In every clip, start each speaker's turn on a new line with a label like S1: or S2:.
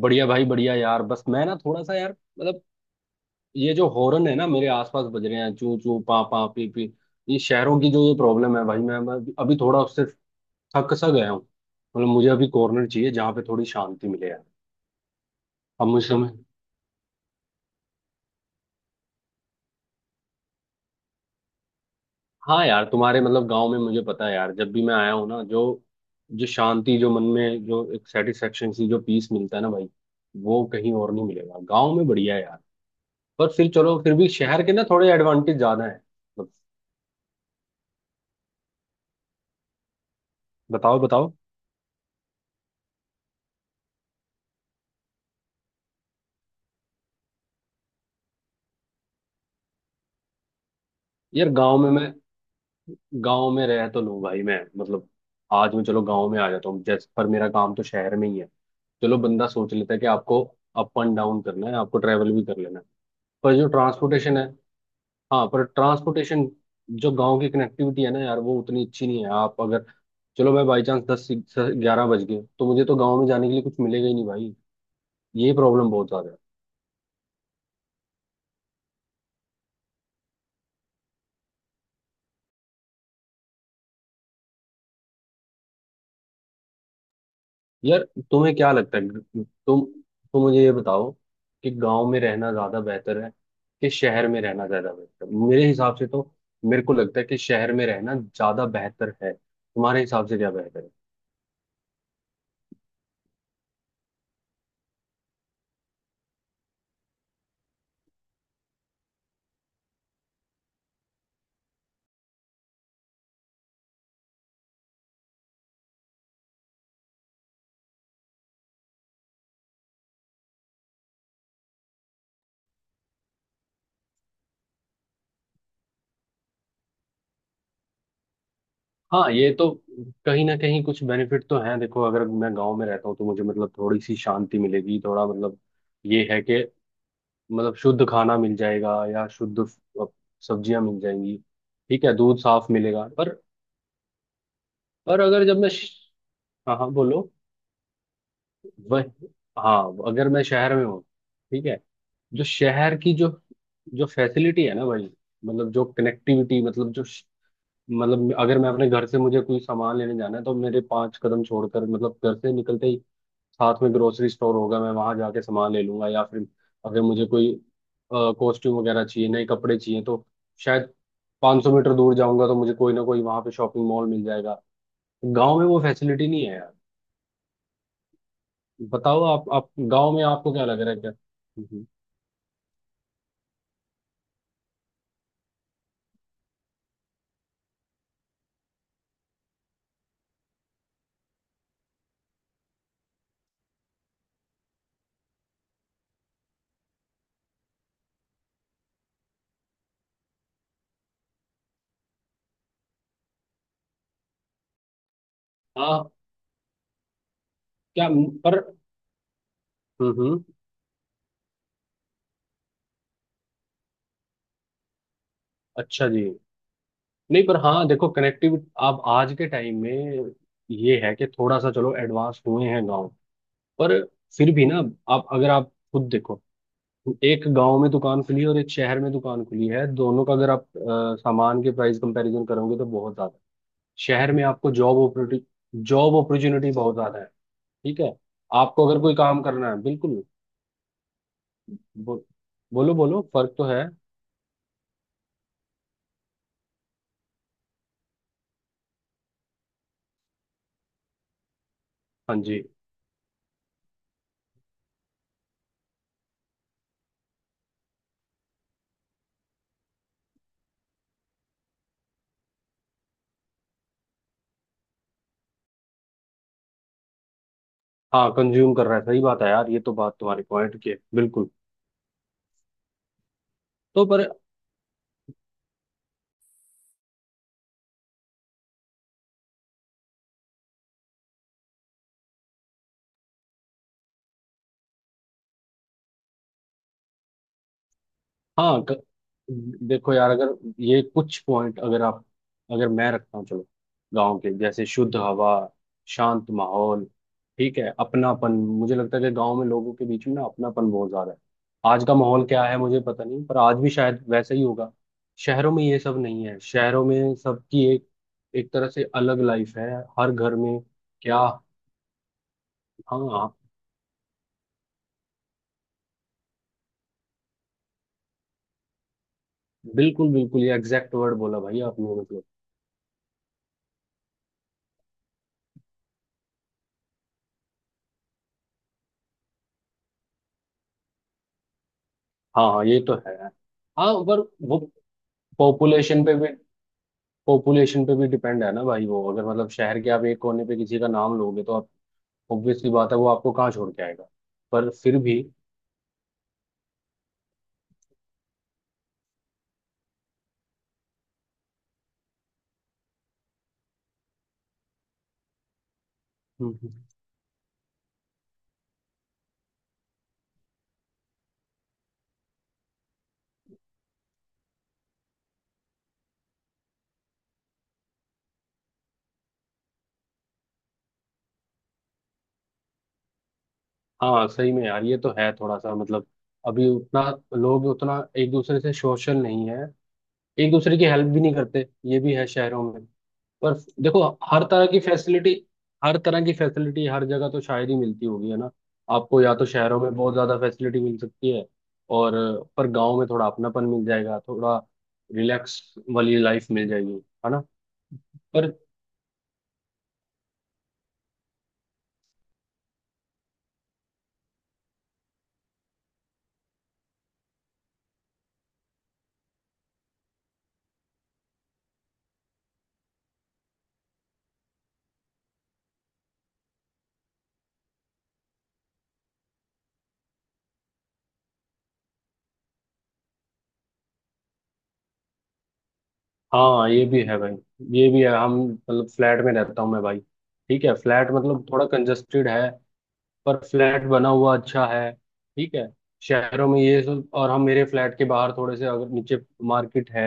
S1: बढ़िया भाई, बढ़िया यार। बस मैं ना थोड़ा सा यार, मतलब ये जो हॉर्न है ना मेरे आसपास बज रहे हैं, चू चू पा पा पी पी। ये शहरों की जो ये प्रॉब्लम है भाई, मैं अभी थोड़ा उससे थक सा गया हूँ। मतलब मुझे अभी कॉर्नर चाहिए जहाँ पे थोड़ी शांति मिले यार। अब मुझे समझ। हाँ यार, तुम्हारे मतलब गाँव में मुझे पता है यार, जब भी मैं आया हूँ ना, जो जो शांति, जो मन में, जो एक सेटिस्फेक्शन सी, जो पीस मिलता है ना भाई, वो कहीं और नहीं मिलेगा। गाँव में बढ़िया है यार। पर फिर चलो, फिर भी शहर के ना थोड़े एडवांटेज ज्यादा है। बताओ बताओ। यार गांव में रह तो लूं भाई मैं, मतलब आज मैं चलो गांव में आ जाता हूँ जैसे, पर मेरा काम तो शहर में ही है। चलो बंदा सोच लेता है कि आपको अप एंड डाउन करना है, आपको ट्रैवल भी कर लेना है। पर जो ट्रांसपोर्टेशन है, हाँ पर ट्रांसपोर्टेशन, जो गांव की कनेक्टिविटी है ना यार, वो उतनी अच्छी नहीं है। आप अगर चलो, मैं बाई चांस 10-11 बज गए तो मुझे तो गाँव में जाने के लिए कुछ मिलेगा ही नहीं भाई। ये प्रॉब्लम बहुत ज्यादा है। यार तुम्हें क्या लगता है, तुम तुम मुझे ये बताओ कि गांव में रहना ज्यादा बेहतर है कि शहर में रहना ज्यादा बेहतर है? मेरे हिसाब से तो, मेरे को लगता है कि शहर में रहना ज्यादा बेहतर है। तुम्हारे हिसाब से क्या बेहतर है? हाँ ये तो कहीं ना कहीं कुछ बेनिफिट तो है। देखो अगर मैं गांव में रहता हूँ तो मुझे मतलब थोड़ी सी शांति मिलेगी, थोड़ा मतलब ये है कि मतलब शुद्ध खाना मिल जाएगा या शुद्ध सब्जियां मिल जाएंगी, ठीक है दूध साफ मिलेगा। पर अगर जब मैं हाँ हाँ बोलो। वह, हाँ, अगर मैं शहर में हूँ, ठीक है, जो शहर की जो जो फैसिलिटी है ना भाई, मतलब जो कनेक्टिविटी, मतलब जो मतलब अगर मैं अपने घर से, मुझे कोई सामान लेने जाना है, तो मेरे पांच कदम छोड़कर मतलब घर से निकलते ही साथ में ग्रोसरी स्टोर होगा, मैं वहां जाके सामान ले लूंगा। या फिर अगर मुझे कोई कॉस्ट्यूम वगैरह चाहिए, नए कपड़े चाहिए तो शायद 500 मीटर दूर जाऊंगा तो मुझे कोई ना कोई वहां पे शॉपिंग मॉल मिल जाएगा। गांव में वो फैसिलिटी नहीं है। बताओ आप गांव में आपको क्या लग रहा है? क्या? हम्म। हाँ। क्या? पर हम्म, अच्छा जी। नहीं पर हाँ देखो, कनेक्टिविटी आप आज के टाइम में ये है कि थोड़ा सा चलो एडवांस हुए हैं गांव। पर फिर भी ना, आप अगर आप खुद देखो, एक गांव में दुकान खुली है और एक शहर में दुकान खुली है, दोनों का अगर आप सामान के प्राइस कंपैरिजन करोगे तो बहुत ज्यादा है। शहर में आपको जॉब अपॉर्चुनिटी, बहुत ज्यादा है। ठीक है, आपको अगर कोई काम करना है, बिल्कुल। बो, बोलो बोलो, फर्क तो है। हाँ जी। हाँ कंज्यूम कर रहा है, सही बात है यार, ये तो बात तुम्हारी पॉइंट की है, बिल्कुल। तो पर हाँ, देखो यार, अगर ये कुछ पॉइंट अगर मैं रखता हूँ चलो, गांव के जैसे शुद्ध हवा, शांत माहौल, ठीक है, अपनापन। मुझे लगता है कि गांव में लोगों के बीच में ना अपनापन बहुत ज्यादा है। आज का माहौल क्या है मुझे पता नहीं, पर आज भी शायद वैसा ही होगा। शहरों में ये सब नहीं है, शहरों में सबकी एक एक तरह से अलग लाइफ है हर घर में। क्या? हाँ बिल्कुल बिल्कुल, ये एग्जैक्ट वर्ड बोला भाई आपने मतलब। हाँ हाँ ये तो है। हाँ पर वो, पॉपुलेशन पे भी, डिपेंड है ना भाई। वो अगर मतलब शहर के आप एक कोने पे किसी का नाम लोगे तो आप, ऑब्वियसली बात है, वो आपको कहाँ छोड़ के आएगा? पर फिर भी। हम्म, हम्म। हाँ सही में यार, ये तो है थोड़ा सा मतलब, अभी उतना लोग उतना एक दूसरे से सोशल नहीं है, एक दूसरे की हेल्प भी नहीं करते, ये भी है शहरों में। पर देखो, हर तरह की फैसिलिटी, हर जगह तो शायद ही मिलती होगी, है ना? आपको या तो शहरों में बहुत ज्यादा फैसिलिटी मिल सकती है, और पर गांव में थोड़ा अपनापन मिल जाएगा, थोड़ा रिलैक्स वाली लाइफ मिल जाएगी, है ना? पर हाँ ये भी है भाई, ये भी है हम मतलब फ्लैट में रहता हूँ मैं भाई। ठीक है, फ्लैट मतलब थोड़ा कंजस्टेड है, पर फ्लैट बना हुआ अच्छा है, ठीक है। शहरों में ये सब। और हम, मेरे फ्लैट के बाहर थोड़े से अगर नीचे मार्केट है,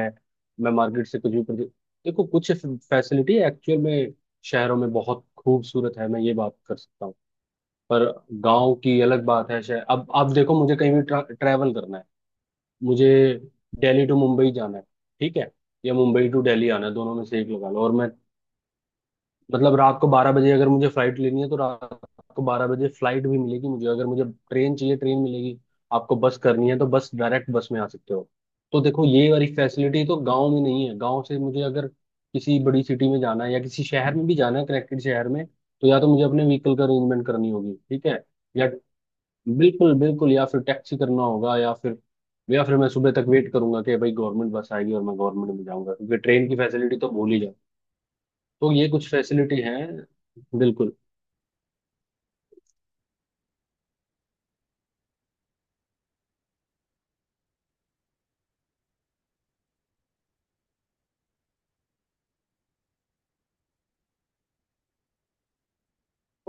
S1: मैं मार्केट से कुछ भी देखो, कुछ फैसिलिटी एक्चुअल में शहरों में बहुत खूबसूरत है, मैं ये बात कर सकता हूँ। पर गांव की अलग बात है। शहर, अब देखो, मुझे कहीं भी ट्रैवल करना है। मुझे दिल्ली टू मुंबई जाना है, ठीक है, या मुंबई टू दिल्ली आना है, दोनों में से एक लगा लो। और मैं, मतलब रात को 12 बजे अगर मुझे फ्लाइट लेनी है तो रात को 12 बजे फ्लाइट भी मिलेगी। मुझे अगर मुझे ट्रेन चाहिए, ट्रेन मिलेगी। आपको बस करनी है तो बस डायरेक्ट बस में आ सकते हो। तो देखो ये वाली फैसिलिटी तो गांव में नहीं है। गांव से मुझे अगर किसी बड़ी सिटी में जाना है या किसी शहर में भी जाना है, कनेक्टेड शहर में, तो या तो मुझे अपने व्हीकल का अरेंजमेंट करनी होगी, ठीक है, या बिल्कुल बिल्कुल, या फिर टैक्सी करना होगा, या फिर मैं सुबह तक वेट करूंगा कि भाई गवर्नमेंट बस आएगी और मैं गवर्नमेंट में जाऊंगा क्योंकि ट्रेन की फैसिलिटी तो भूल ही जाओ। तो ये कुछ फैसिलिटी हैं, बिल्कुल।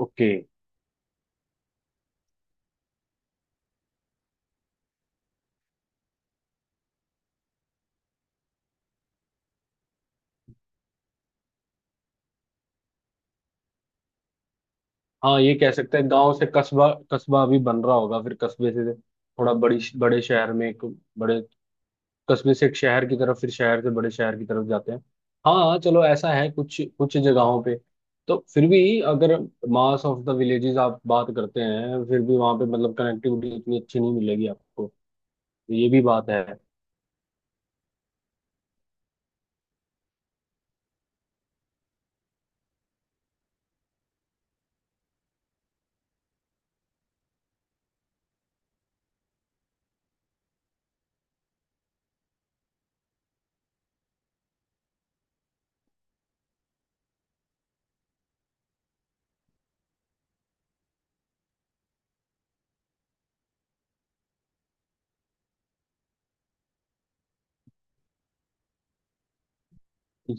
S1: ओके। हाँ ये कह सकते हैं गांव से कस्बा, कस्बा अभी बन रहा होगा, फिर कस्बे से थोड़ा बड़ी बड़े शहर में, एक बड़े कस्बे से एक शहर की तरफ, फिर शहर से बड़े शहर की तरफ जाते हैं। हाँ चलो ऐसा है कुछ कुछ जगहों पे। तो फिर भी अगर मास ऑफ द विलेजेस आप बात करते हैं, फिर भी वहां पे मतलब कनेक्टिविटी इतनी अच्छी नहीं मिलेगी आपको, ये भी बात है।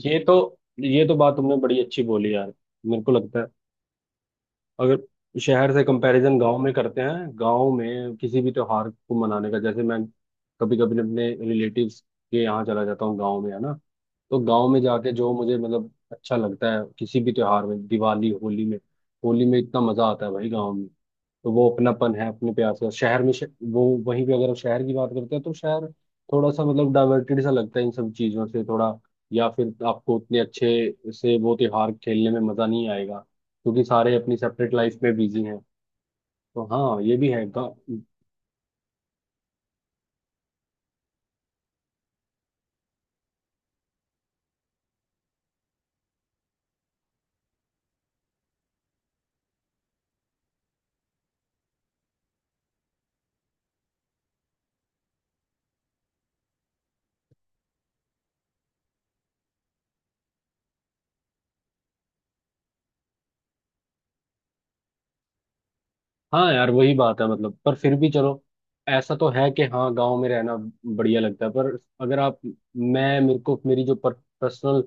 S1: ये तो ये तो बात तुमने बड़ी अच्छी बोली यार। मेरे को लगता है, अगर शहर से कंपैरिजन गांव में करते हैं, गांव में किसी भी त्योहार को मनाने का, जैसे मैं कभी कभी अपने रिलेटिव्स के यहाँ चला जाता हूँ गांव में, है ना? तो गांव में जाके जो मुझे मतलब अच्छा लगता है किसी भी त्योहार में, दिवाली होली में, होली में इतना मजा आता है भाई गांव में। तो वो अपनापन है अपने प्यार का। शहर में वो, वहीं पे अगर हम शहर की बात करते हैं तो शहर थोड़ा सा मतलब डाइवर्टेड सा लगता है इन सब चीजों से, थोड़ा, या फिर आपको उतने अच्छे से वो त्योहार खेलने में मजा नहीं आएगा क्योंकि सारे अपनी सेपरेट लाइफ में बिजी हैं। तो हाँ ये भी है हाँ यार वही बात है मतलब। पर फिर भी चलो, ऐसा तो है कि हाँ गांव में रहना बढ़िया लगता है। पर अगर आप, मैं मेरे को, मेरी जो पर्सनल,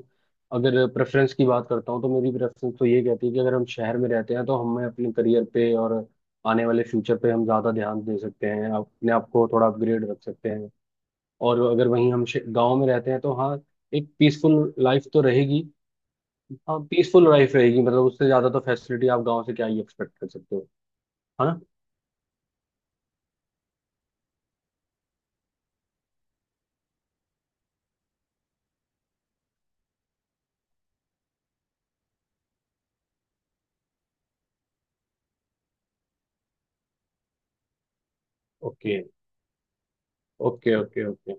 S1: अगर प्रेफरेंस की बात करता हूँ, तो मेरी प्रेफरेंस तो ये कहती है कि अगर हम शहर में रहते हैं तो हमें अपने करियर पे और आने वाले फ्यूचर पे हम ज़्यादा ध्यान दे सकते हैं, अपने आप को थोड़ा अपग्रेड रख सकते हैं। और अगर वहीं हम गांव में रहते हैं तो हाँ, एक पीसफुल लाइफ तो रहेगी। हाँ पीसफुल लाइफ रहेगी, मतलब उससे ज़्यादा तो फैसिलिटी आप गाँव से क्या ही एक्सपेक्ट कर सकते हो, है ना? Okay okay okay okay.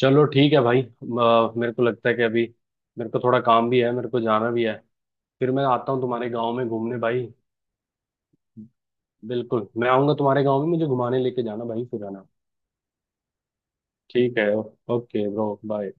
S1: चलो ठीक है भाई, मेरे को लगता है कि अभी मेरे को थोड़ा काम भी है, मेरे को जाना भी है। फिर मैं आता हूँ तुम्हारे गांव में घूमने भाई। बिल्कुल मैं आऊंगा तुम्हारे गांव में, मुझे घुमाने लेके जाना भाई फिर, है ना? ठीक है। Okay bro, bye.